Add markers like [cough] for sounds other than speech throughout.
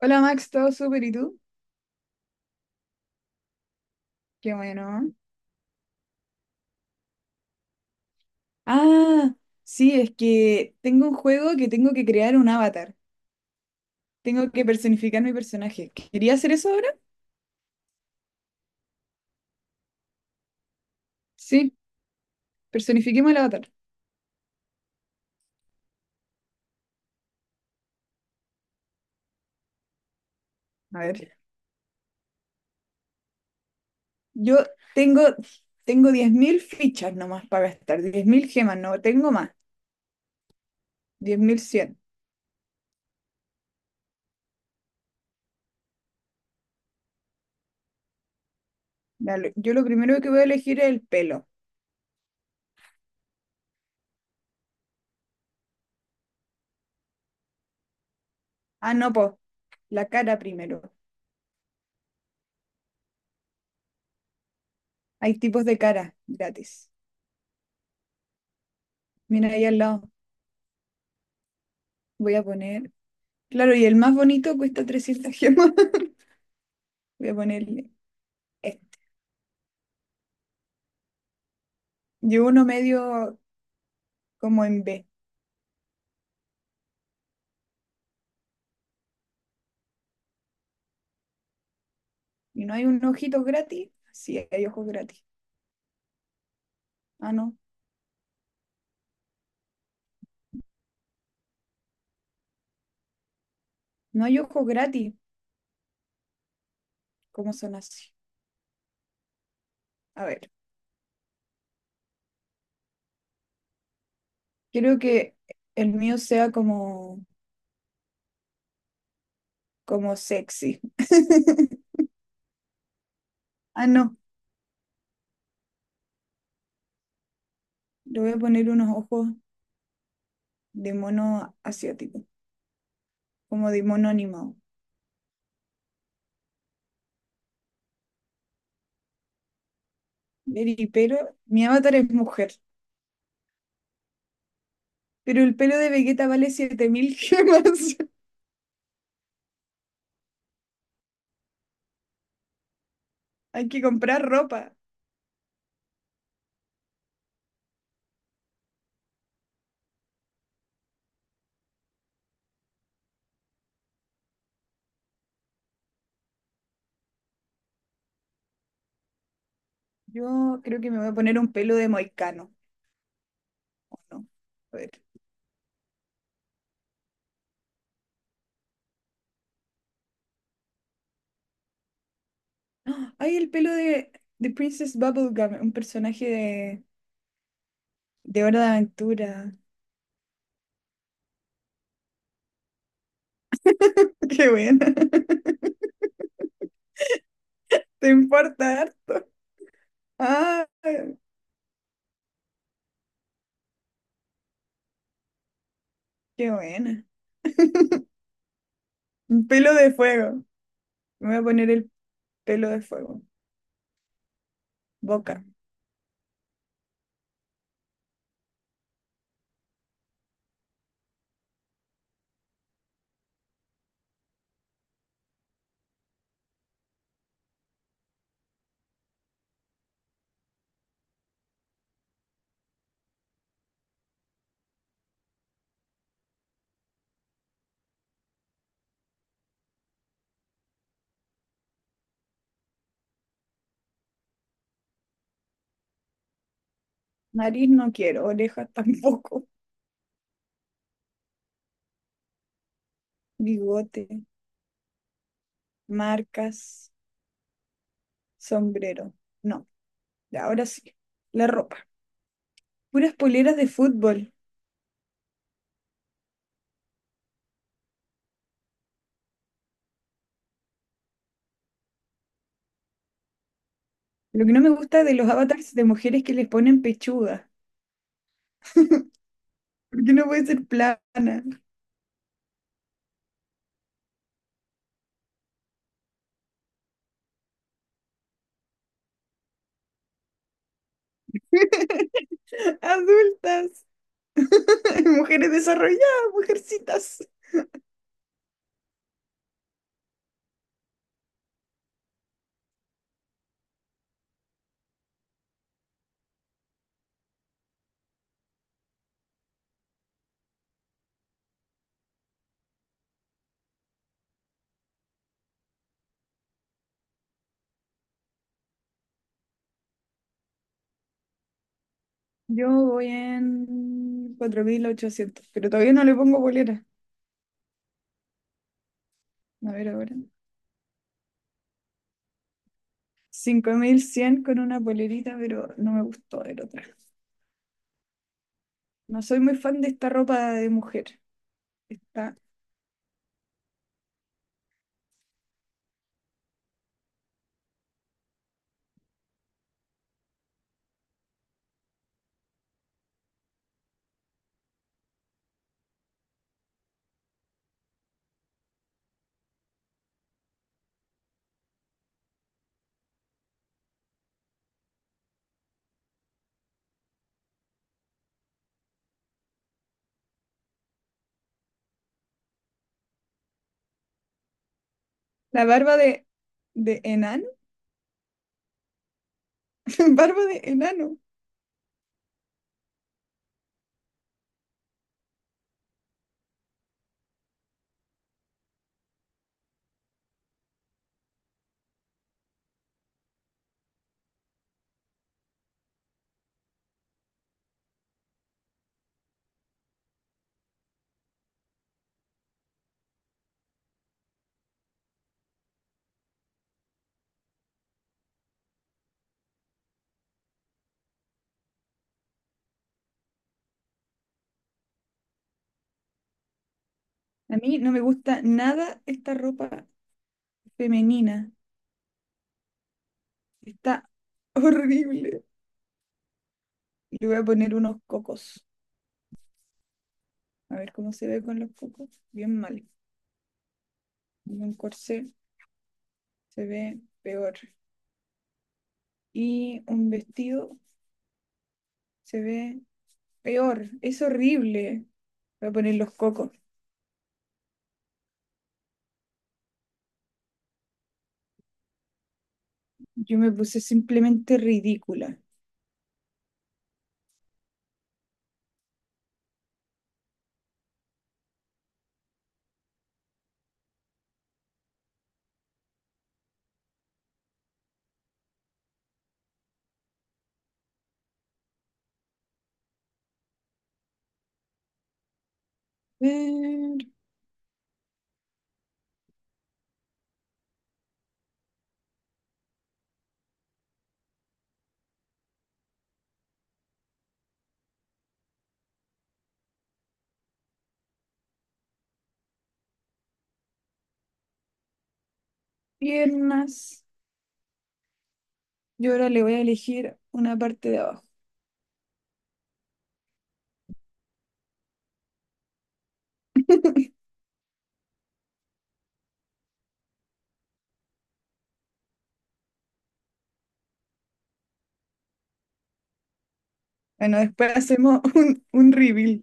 Hola Max, ¿todo súper? ¿Y tú? Qué bueno. Ah, sí, es que tengo un juego que tengo que crear un avatar. Tengo que personificar mi personaje. ¿Quería hacer eso ahora? Sí, personifiquemos el avatar. A ver. Yo tengo, tengo 10.000 fichas nomás para gastar, 10.000 gemas, no tengo más, 10.100. Yo lo primero que voy a elegir es el pelo. Ah, no, pues, la cara primero. Hay tipos de cara gratis. Mira ahí al lado, voy a poner claro, y el más bonito cuesta 300 gemas. [laughs] Voy a ponerle este. Yo uno medio como en B. ¿Y no hay un ojito gratis? Sí, hay ojos gratis. Ah, no. No hay ojos gratis. ¿Cómo son así? A ver. Quiero que el mío sea como, como sexy. [laughs] Ah, no. Le voy a poner unos ojos de mono asiático. Como de mono animado. Ver y pero. Mi avatar es mujer. Pero el pelo de Vegeta vale 7.000 gemas. [laughs] Hay que comprar ropa. Yo creo que me voy a poner un pelo de moicano. ¿O no? A ver. [gasps] ¡Ah! Hay el pelo de, Princess Bubblegum, un personaje de Hora de Aventura. [laughs] Qué buena. [laughs] Te importa harto. Ah, qué buena. Un pelo de fuego. Me voy a poner el pelo de fuego. Boca. Nariz no quiero. Orejas [laughs] tampoco. Bigote. Marcas. Sombrero. No. Ya, ahora sí. La ropa. Puras poleras de fútbol. Lo que no me gusta de los avatars de mujeres que les ponen pechuga. [laughs] ¿Por qué no puede ser plana? [laughs] Adultas, [laughs] mujeres desarrolladas, mujercitas. Yo voy en 4.800 pero todavía no le pongo polera. A ver ahora. 5.100 con una polerita, pero no me gustó el otra. No soy muy fan de esta ropa de mujer. Está la barba de enano, [laughs] barba de enano. A mí no me gusta nada esta ropa femenina. Está [laughs] horrible. Le voy a poner unos cocos. A ver cómo se ve con los cocos. Bien mal. Y un corsé se ve peor. Y un vestido se ve peor. Es horrible. Voy a poner los cocos. Yo me puse simplemente ridícula. Ver, piernas. Yo ahora le voy a elegir una parte de abajo. Bueno, después hacemos [laughs] un reveal.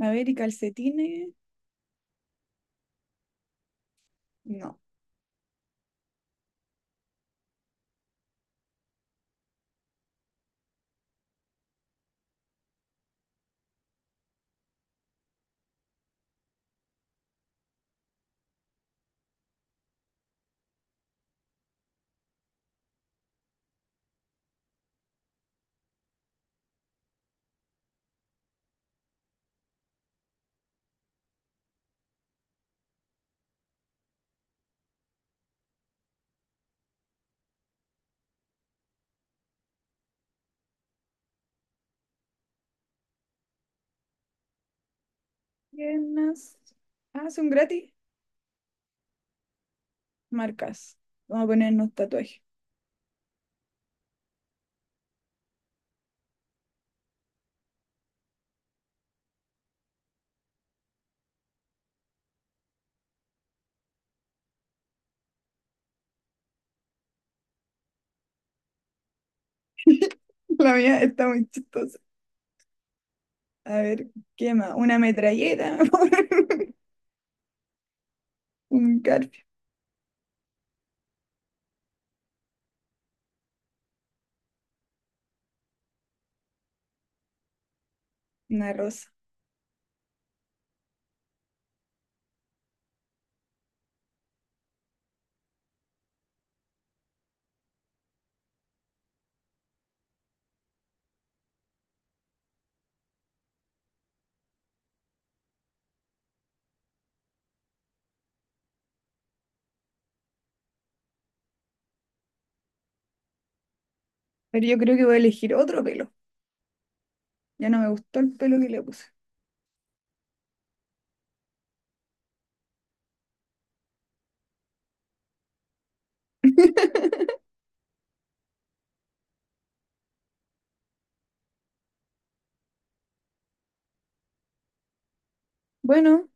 A ver, y calcetines. No. Piernas. Ah, son gratis. Marcas. Vamos a ponernos tatuajes. [laughs] La mía está muy chistosa. A ver, ¿qué más? Una metralleta. [laughs] Un garfio. Una rosa. Pero yo creo que voy a elegir otro pelo. Ya no me gustó el pelo que le puse. [laughs] Bueno,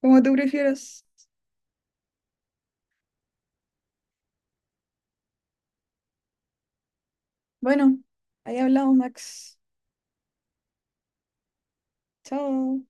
como tú prefieras. Bueno, ahí hablamos, Max. Chao.